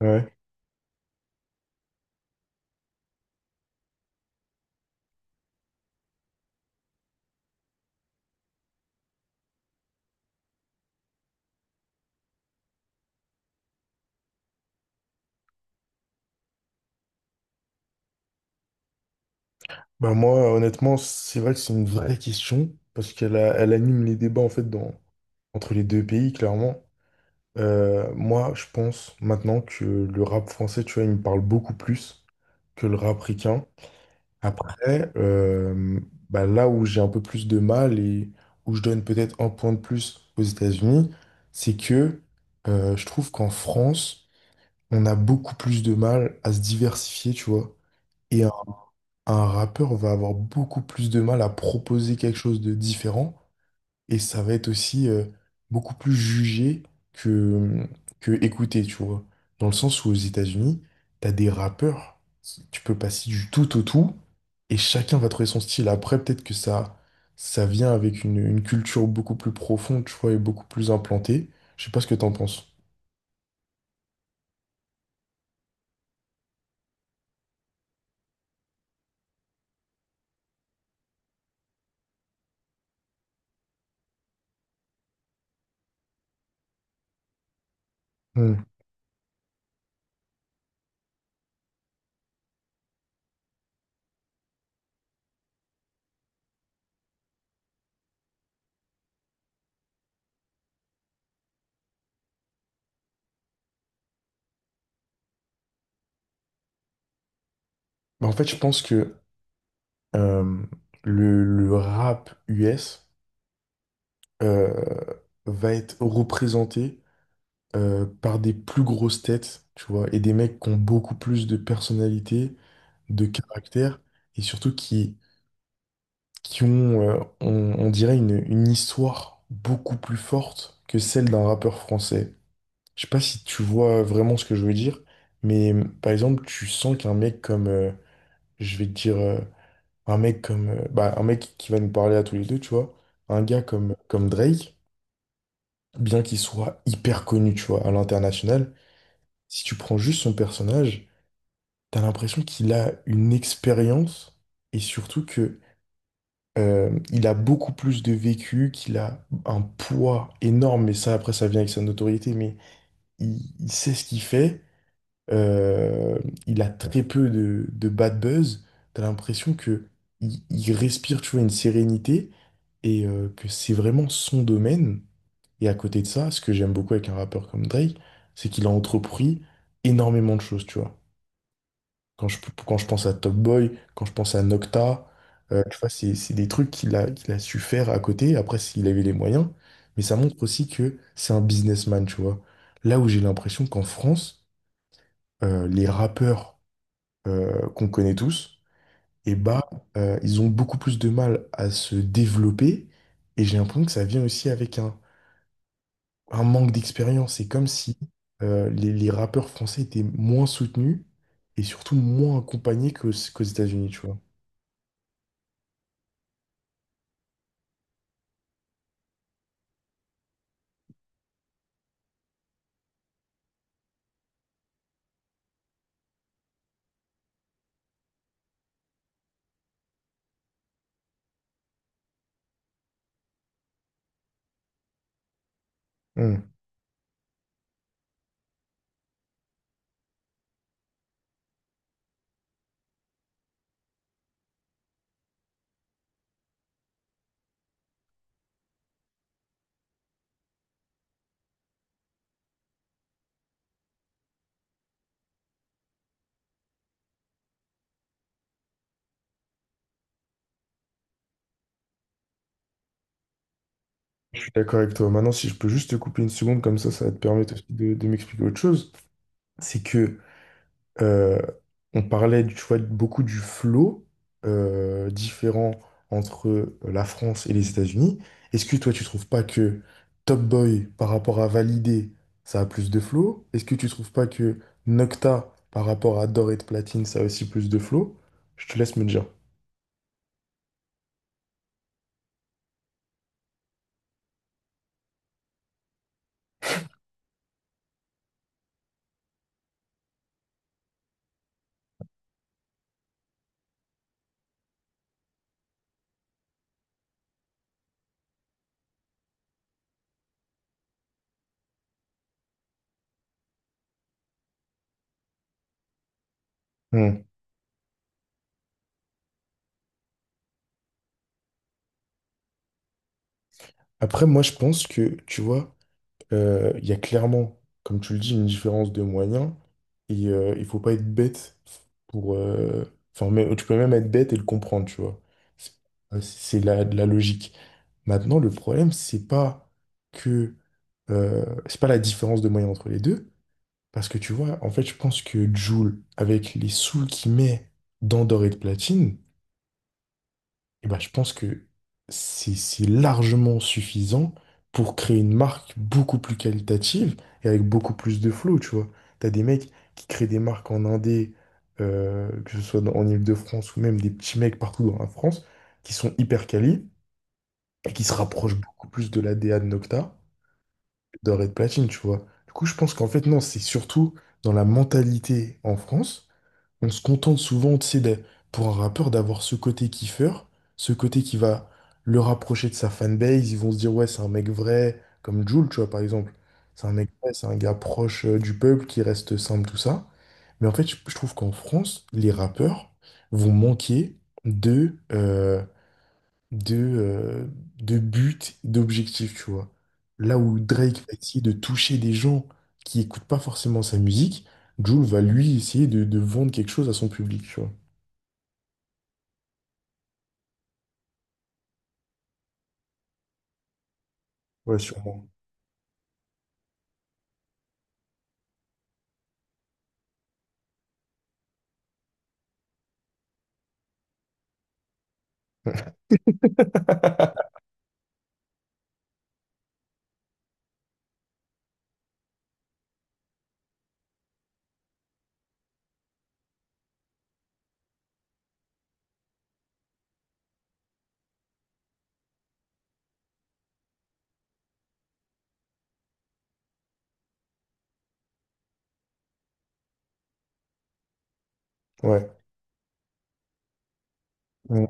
Ouais. Bah moi, honnêtement, c'est vrai que c'est une vraie question, parce qu'elle anime les débats en fait dans, entre les deux pays, clairement. Moi, je pense maintenant que le rap français, tu vois, il me parle beaucoup plus que le rap ricain. Après, bah là où j'ai un peu plus de mal et où je donne peut-être un point de plus aux États-Unis, c'est que je trouve qu'en France, on a beaucoup plus de mal à se diversifier, tu vois. Et un rappeur va avoir beaucoup plus de mal à proposer quelque chose de différent et ça va être aussi beaucoup plus jugé que, que écouté, tu vois. Dans le sens où aux États-Unis, t'as des rappeurs, tu peux passer du tout au tout et chacun va trouver son style. Après, peut-être que ça vient avec une culture beaucoup plus profonde, tu vois, et beaucoup plus implantée. Je sais pas ce que t'en penses. Hmm. Bah, en fait, je pense que euh, le rap US, euh, va être représenté par des plus grosses têtes, tu vois, et des mecs qui ont beaucoup plus de personnalité, de caractère, et surtout qui ont, on dirait, une histoire beaucoup plus forte que celle d'un rappeur français. Je sais pas si tu vois vraiment ce que je veux dire, mais par exemple, tu sens qu'un mec comme, je vais te dire, un mec comme, bah, un mec qui va nous parler à tous les deux, tu vois, un gars comme Drake, bien qu'il soit hyper connu, tu vois, à l'international, si tu prends juste son personnage, t'as l'impression qu'il a une expérience et surtout que il a beaucoup plus de vécu, qu'il a un poids énorme, mais ça après ça vient avec sa notoriété, mais il sait ce qu'il fait, euh, il a très peu de bad buzz, t'as l'impression que il respire, tu vois, une sérénité et que c'est vraiment son domaine. Et à côté de ça, ce que j'aime beaucoup avec un rappeur comme Drake, c'est qu'il a entrepris énormément de choses, tu vois. Quand je, quand je pense à Top Boy, quand je pense à Nocta, tu vois, c'est des trucs qu'il a su faire à côté. Après, s'il avait les moyens, mais ça montre aussi que c'est un businessman, tu vois. Là où j'ai l'impression qu'en France, les rappeurs qu'on connaît tous, eh bah, ils ont beaucoup plus de mal à se développer. Et j'ai l'impression que ça vient aussi avec un manque d'expérience. C'est comme si les rappeurs français étaient moins soutenus et surtout moins accompagnés qu'aux États-Unis, tu vois. Hmm, je suis d'accord avec toi. Maintenant, si je peux juste te couper une seconde, comme ça va te permettre aussi de m'expliquer autre chose. C'est que Euh, on parlait, tu vois, beaucoup du flow différent entre la France et les États-Unis. Est-ce que toi, tu trouves pas que Top Boy, par rapport à Validé, ça a plus de flow? Est-ce que tu trouves pas que Nocta, par rapport à D'or et de Platine, ça a aussi plus de flow? Je te laisse me dire. Hmm. Après, moi, je pense que, tu vois, il y a clairement, comme tu le dis, une différence de moyens. Et il faut pas être bête pour. Enfin, mais, tu peux même être bête et le comprendre, tu vois. C'est c'est la logique. Maintenant, le problème, c'est pas que. C'est pas la différence de moyens entre les deux. Parce que tu vois, en fait, je pense que Jul, avec les sous qu'il met dans Doré de Platine, eh ben, je pense que c'est largement suffisant pour créer une marque beaucoup plus qualitative et avec beaucoup plus de flow, tu vois. T'as des mecs qui créent des marques en Indé, que ce soit en Île-de-France ou même des petits mecs partout dans la France, qui sont hyper quali et qui se rapprochent beaucoup plus de la D A de Nocta, de Red Platine, tu vois. Du coup, je pense qu'en fait, non, c'est surtout dans la mentalité en France on se contente souvent, tu sais, pour un rappeur, d'avoir ce côté kiffeur, ce côté qui va le rapprocher de sa fanbase. Ils vont se dire, ouais, c'est un mec vrai, comme Jul, tu vois, par exemple. C'est un mec vrai, c'est un gars proche du peuple qui reste simple, tout ça. Mais en fait, je trouve qu'en France, les rappeurs vont manquer de, euh, de, euh, de but, d'objectif, tu vois. Là où Drake va essayer de toucher des gens qui écoutent pas forcément sa musique, Jul va lui essayer de vendre quelque chose à son public, tu vois. Ouais, sûrement. Ouais. Ouais,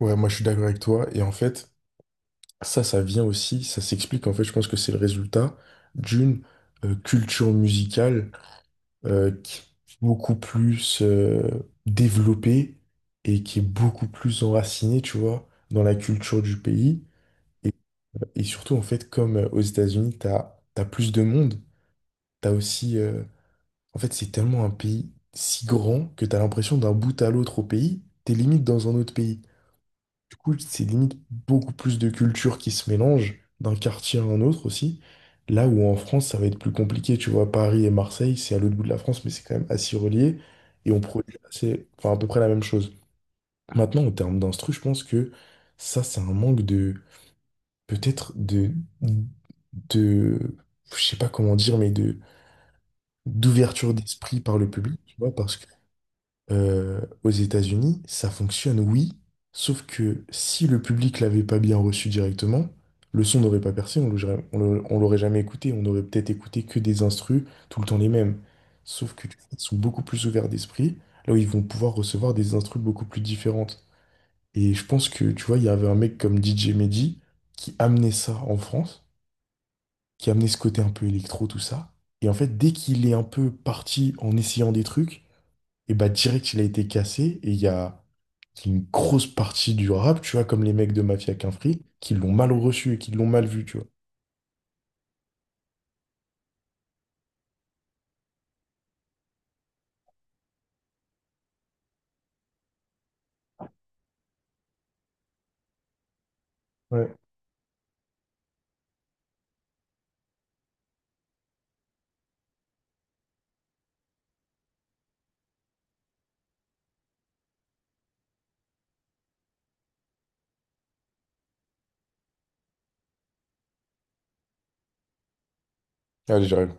ouais, moi je suis d'accord avec toi. Et en fait, ça vient aussi, ça s'explique. En fait, je pense que c'est le résultat d'une culture musicale qui est beaucoup plus développé et qui est beaucoup plus enraciné, tu vois, dans la culture du pays. Et, et surtout, en fait, comme aux États-Unis, t'as plus de monde, t'as aussi... en fait, c'est tellement un pays si grand que t'as l'impression d'un bout à l'autre au pays, t'es limite dans un autre pays. Du coup, c'est limite beaucoup plus de cultures qui se mélangent d'un quartier à un autre aussi. Là où en France, ça va être plus compliqué, tu vois, Paris et Marseille, c'est à l'autre bout de la France, mais c'est quand même assez relié et on produit assez, enfin, à peu près la même chose. Maintenant, en termes d'instru, je pense que ça, c'est un manque de, peut-être de, je sais pas comment dire, mais de, d'ouverture d'esprit par le public, tu vois, parce aux États-Unis, ça fonctionne, oui, sauf que si le public l'avait pas bien reçu directement, le son n'aurait pas percé, on l'aurait jamais écouté, on aurait peut-être écouté que des instrus, tout le temps les mêmes. Sauf que du coup, ils sont beaucoup plus ouverts d'esprit, là où ils vont pouvoir recevoir des instrus beaucoup plus différentes. Et je pense que, tu vois, il y avait un mec comme DJ Mehdi qui amenait ça en France, qui amenait ce côté un peu électro, tout ça. Et en fait, dès qu'il est un peu parti en essayant des trucs, et bah direct, il a été cassé, et il y a c'est une grosse partie du rap, tu vois, comme les mecs de Mafia Quinfri, qui l'ont mal reçu et qui l'ont mal vu, tu vois. Ouais. Allez, j'arrive.